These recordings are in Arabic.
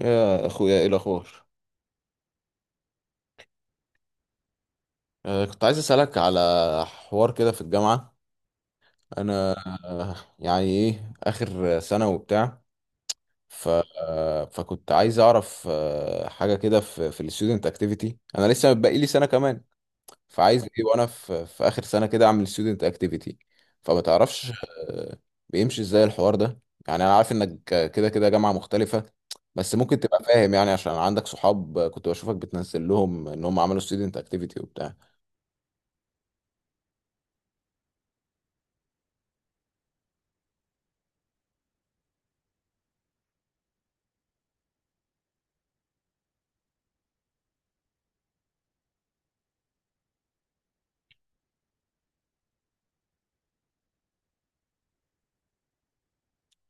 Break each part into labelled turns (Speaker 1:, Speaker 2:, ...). Speaker 1: يا اخويا، ايه الاخبار؟ كنت عايز اسالك على حوار كده في الجامعه. انا، يعني ايه، اخر سنه وبتاع. ف آه، فكنت عايز اعرف حاجه كده في في الستودنت اكتيفيتي. انا لسه باقي لي سنه كمان، فعايز ايه وانا في اخر سنه كده اعمل ستودنت اكتيفيتي؟ فما تعرفش آه، بيمشي ازاي الحوار ده؟ يعني انا عارف انك كده كده جامعه مختلفه، بس ممكن تبقى فاهم يعني، عشان عندك صحاب كنت بشوفك بتنزل لهم ان هم عملوا ستودنت اكتيفيتي وبتاع.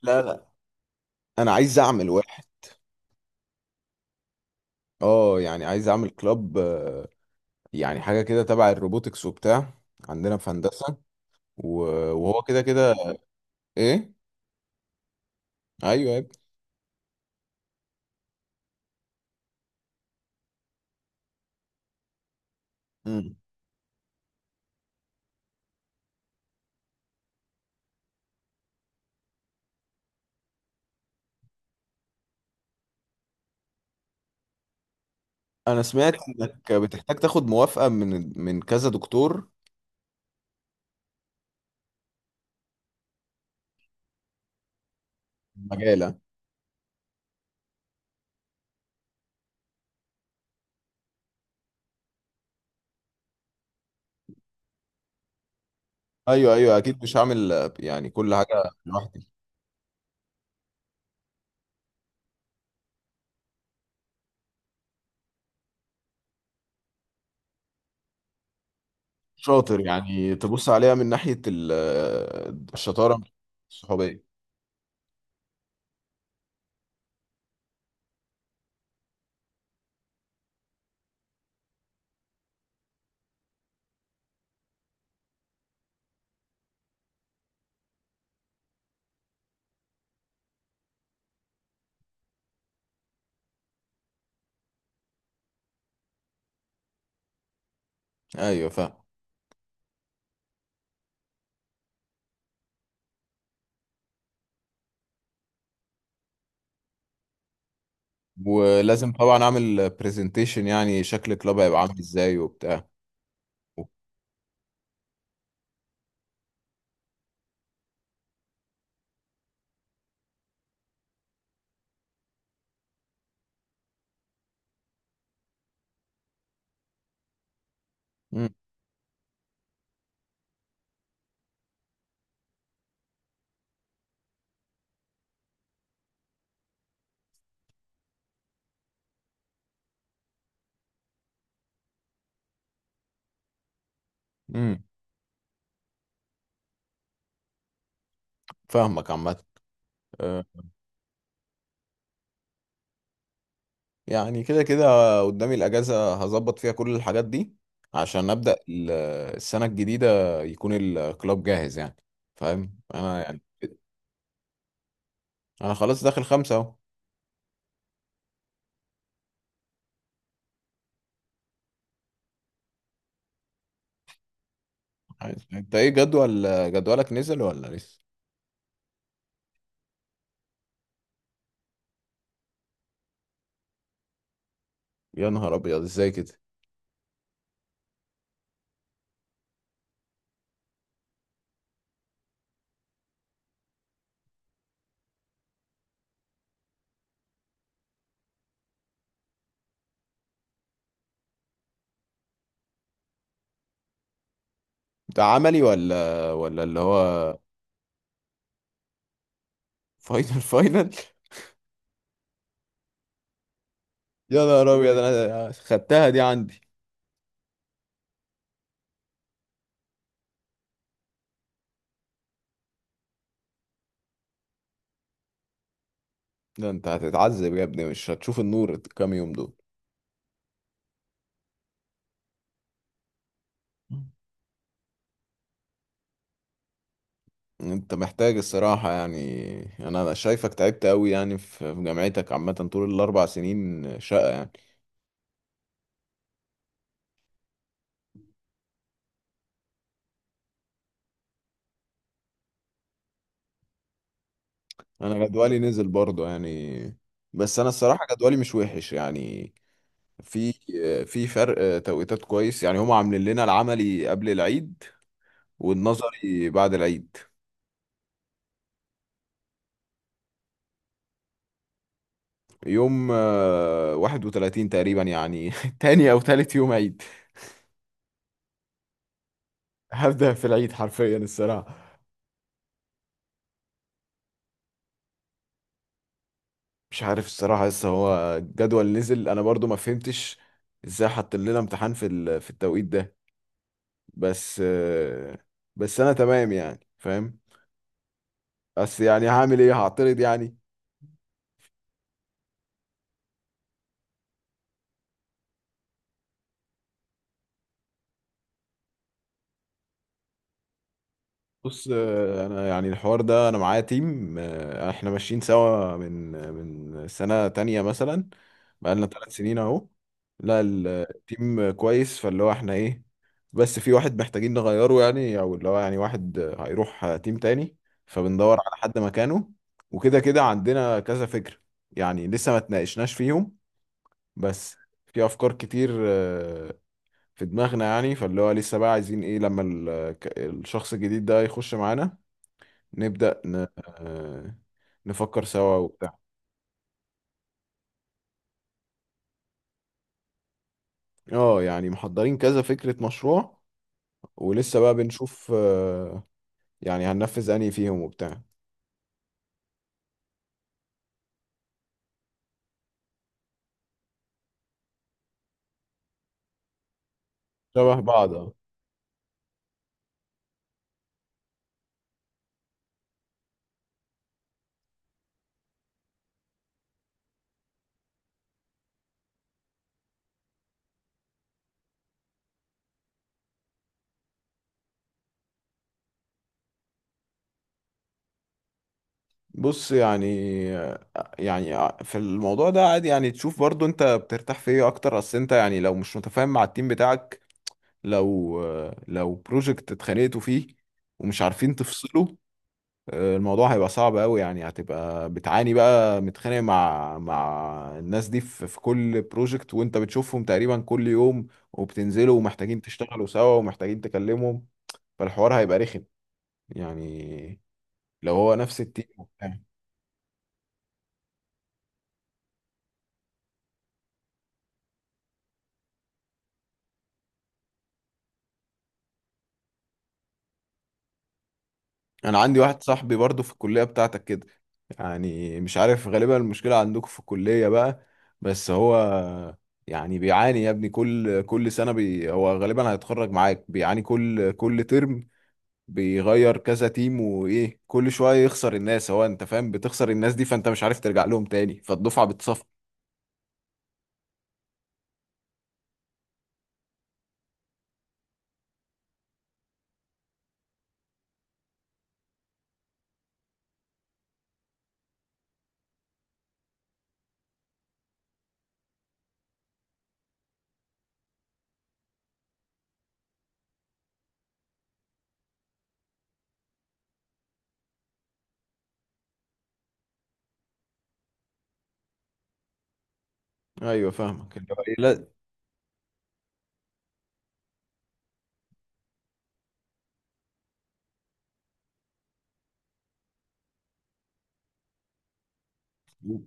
Speaker 1: لا، لا، انا عايز اعمل واحد. اه، يعني عايز اعمل كلاب، يعني حاجه كده تبع الروبوتكس وبتاع، عندنا في هندسه. وهو كده كده. ايه. ايوه يا ابني. مم. انا سمعت انك بتحتاج تاخد موافقه من كذا دكتور. مجاله. ايوه، ايوه، اكيد مش هعمل يعني كل حاجه لوحدي. شاطر، يعني تبص عليها من ناحيه الشطاره. الصحوبيه. ايوه، فاهم. ولازم طبعا اعمل برزنتيشن يعني، شكل كلاب هيبقى عامل ازاي وبتاع. امم امم فاهمك عامة. أه، يعني كده كده قدامي الأجازة هظبط فيها كل الحاجات دي عشان أبدأ السنة الجديدة يكون الكلاب جاهز يعني، فاهم أنا يعني. أنا خلاص داخل خمسة أهو. أنت إيه، جدولك نزل ولا لسه؟ يا نهار أبيض، إزاي كده؟ ده عملي ولا اللي هو. فاينل فاينل؟ يا نهار أبيض، أنا خدتها دي عندي. ده أنت هتتعذب يا ابني، مش هتشوف النور الكام يوم دول. انت محتاج الصراحة يعني، يعني انا شايفك تعبت قوي يعني في جامعتك عامة، طول الاربع سنين شقة يعني. انا جدولي نزل برضه يعني، بس انا الصراحة جدولي مش وحش يعني. في في فرق توقيتات كويس يعني، هم عاملين لنا العملي قبل العيد والنظري بعد العيد. يوم 31 تقريبا يعني تاني او تالت يوم عيد. هبدأ في العيد حرفيا الصراحة. مش عارف الصراحة، لسه هو الجدول نزل، انا برضو ما فهمتش ازاي حط لنا امتحان في التوقيت ده. بس آه، بس انا تمام يعني فاهم. بس يعني هعمل ايه، هعترض يعني؟ بص، انا يعني الحوار ده انا معايا تيم، احنا ماشيين سوا من سنة تانية مثلا، بقالنا 3 سنين اهو. لا، التيم كويس، فاللي هو احنا ايه، بس في واحد محتاجين نغيره يعني، او اللي هو يعني واحد هيروح تيم تاني، فبندور على حد مكانه. وكده كده عندنا كذا فكرة، يعني لسه ما تناقشناش فيهم، بس في افكار كتير في دماغنا يعني، فاللي هو لسه بقى عايزين ايه لما الشخص الجديد ده يخش معانا نبدأ ن... آه، نفكر سوا وبتاع. اه، يعني محضرين كذا فكرة مشروع، ولسه بقى بنشوف يعني هننفذ انهي فيهم وبتاع. شبه بعض، اه. بص يعني آه، يعني في الموضوع ده عادي يعني، تشوف برضو انت بترتاح في ايه اكتر. اصل انت يعني لو مش متفاهم مع التيم بتاعك، لو بروجكت اتخانقتوا فيه ومش عارفين تفصله، الموضوع هيبقى صعب قوي يعني، هتبقى بتعاني بقى متخانق مع الناس دي في كل بروجكت، وانت بتشوفهم تقريبا كل يوم، وبتنزلوا ومحتاجين تشتغلوا سوا ومحتاجين تكلمهم، فالحوار هيبقى رخم يعني لو هو نفس التيم وبتاع. انا عندي واحد صاحبي برضو في الكلية بتاعتك كده، يعني مش عارف غالبا المشكلة عندكم في الكلية بقى. بس هو يعني بيعاني يا ابني، كل سنة، هو غالبا هيتخرج معاك، بيعاني كل ترم، بيغير كذا تيم، وايه، كل شويه يخسر الناس، هو انت فاهم، بتخسر الناس دي، فانت مش عارف ترجع لهم تاني، فالدفعه بتصفى. ايوه، فاهمك اللي هو إيه، لا.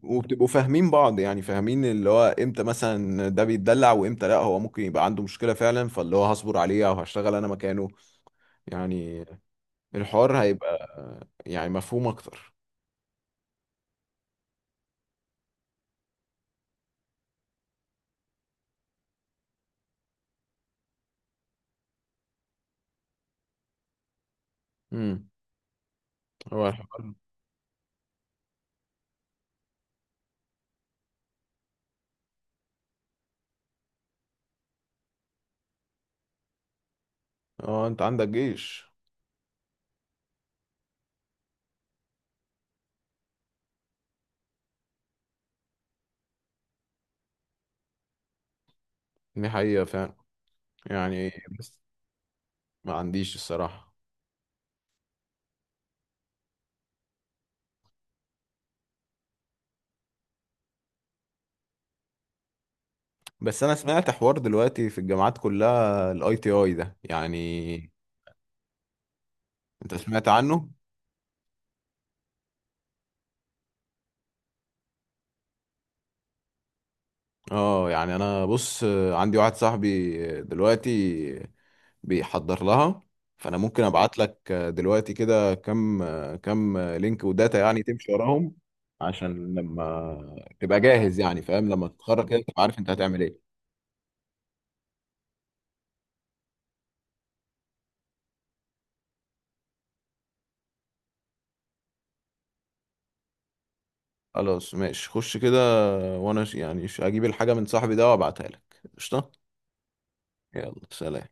Speaker 1: وبتبقوا فاهمين بعض يعني، فاهمين اللي هو امتى مثلا ده بيتدلع، وامتى لا هو ممكن يبقى عنده مشكله فعلا، فاللي هو هصبر عليه او هشتغل انا مكانه يعني. الحوار هيبقى يعني مفهوم اكتر. امم. هو الحوار. اه، انت عندك جيش. دي حقيقه فعلا يعني. بس ما عنديش الصراحه. بس انا سمعت حوار دلوقتي في الجامعات كلها ITI ده يعني، انت سمعت عنه؟ اه، يعني انا بص، عندي واحد صاحبي دلوقتي بيحضر لها، فانا ممكن ابعت لك دلوقتي كده كم لينك وداتا يعني تمشي وراهم عشان لما تبقى جاهز يعني فاهم، لما تتخرج كده تبقى عارف انت هتعمل ايه. خلاص ماشي خش كده، وانا يعني اجيب الحاجة من صاحبي ده وابعتها لك. قشطة. يلا سلام.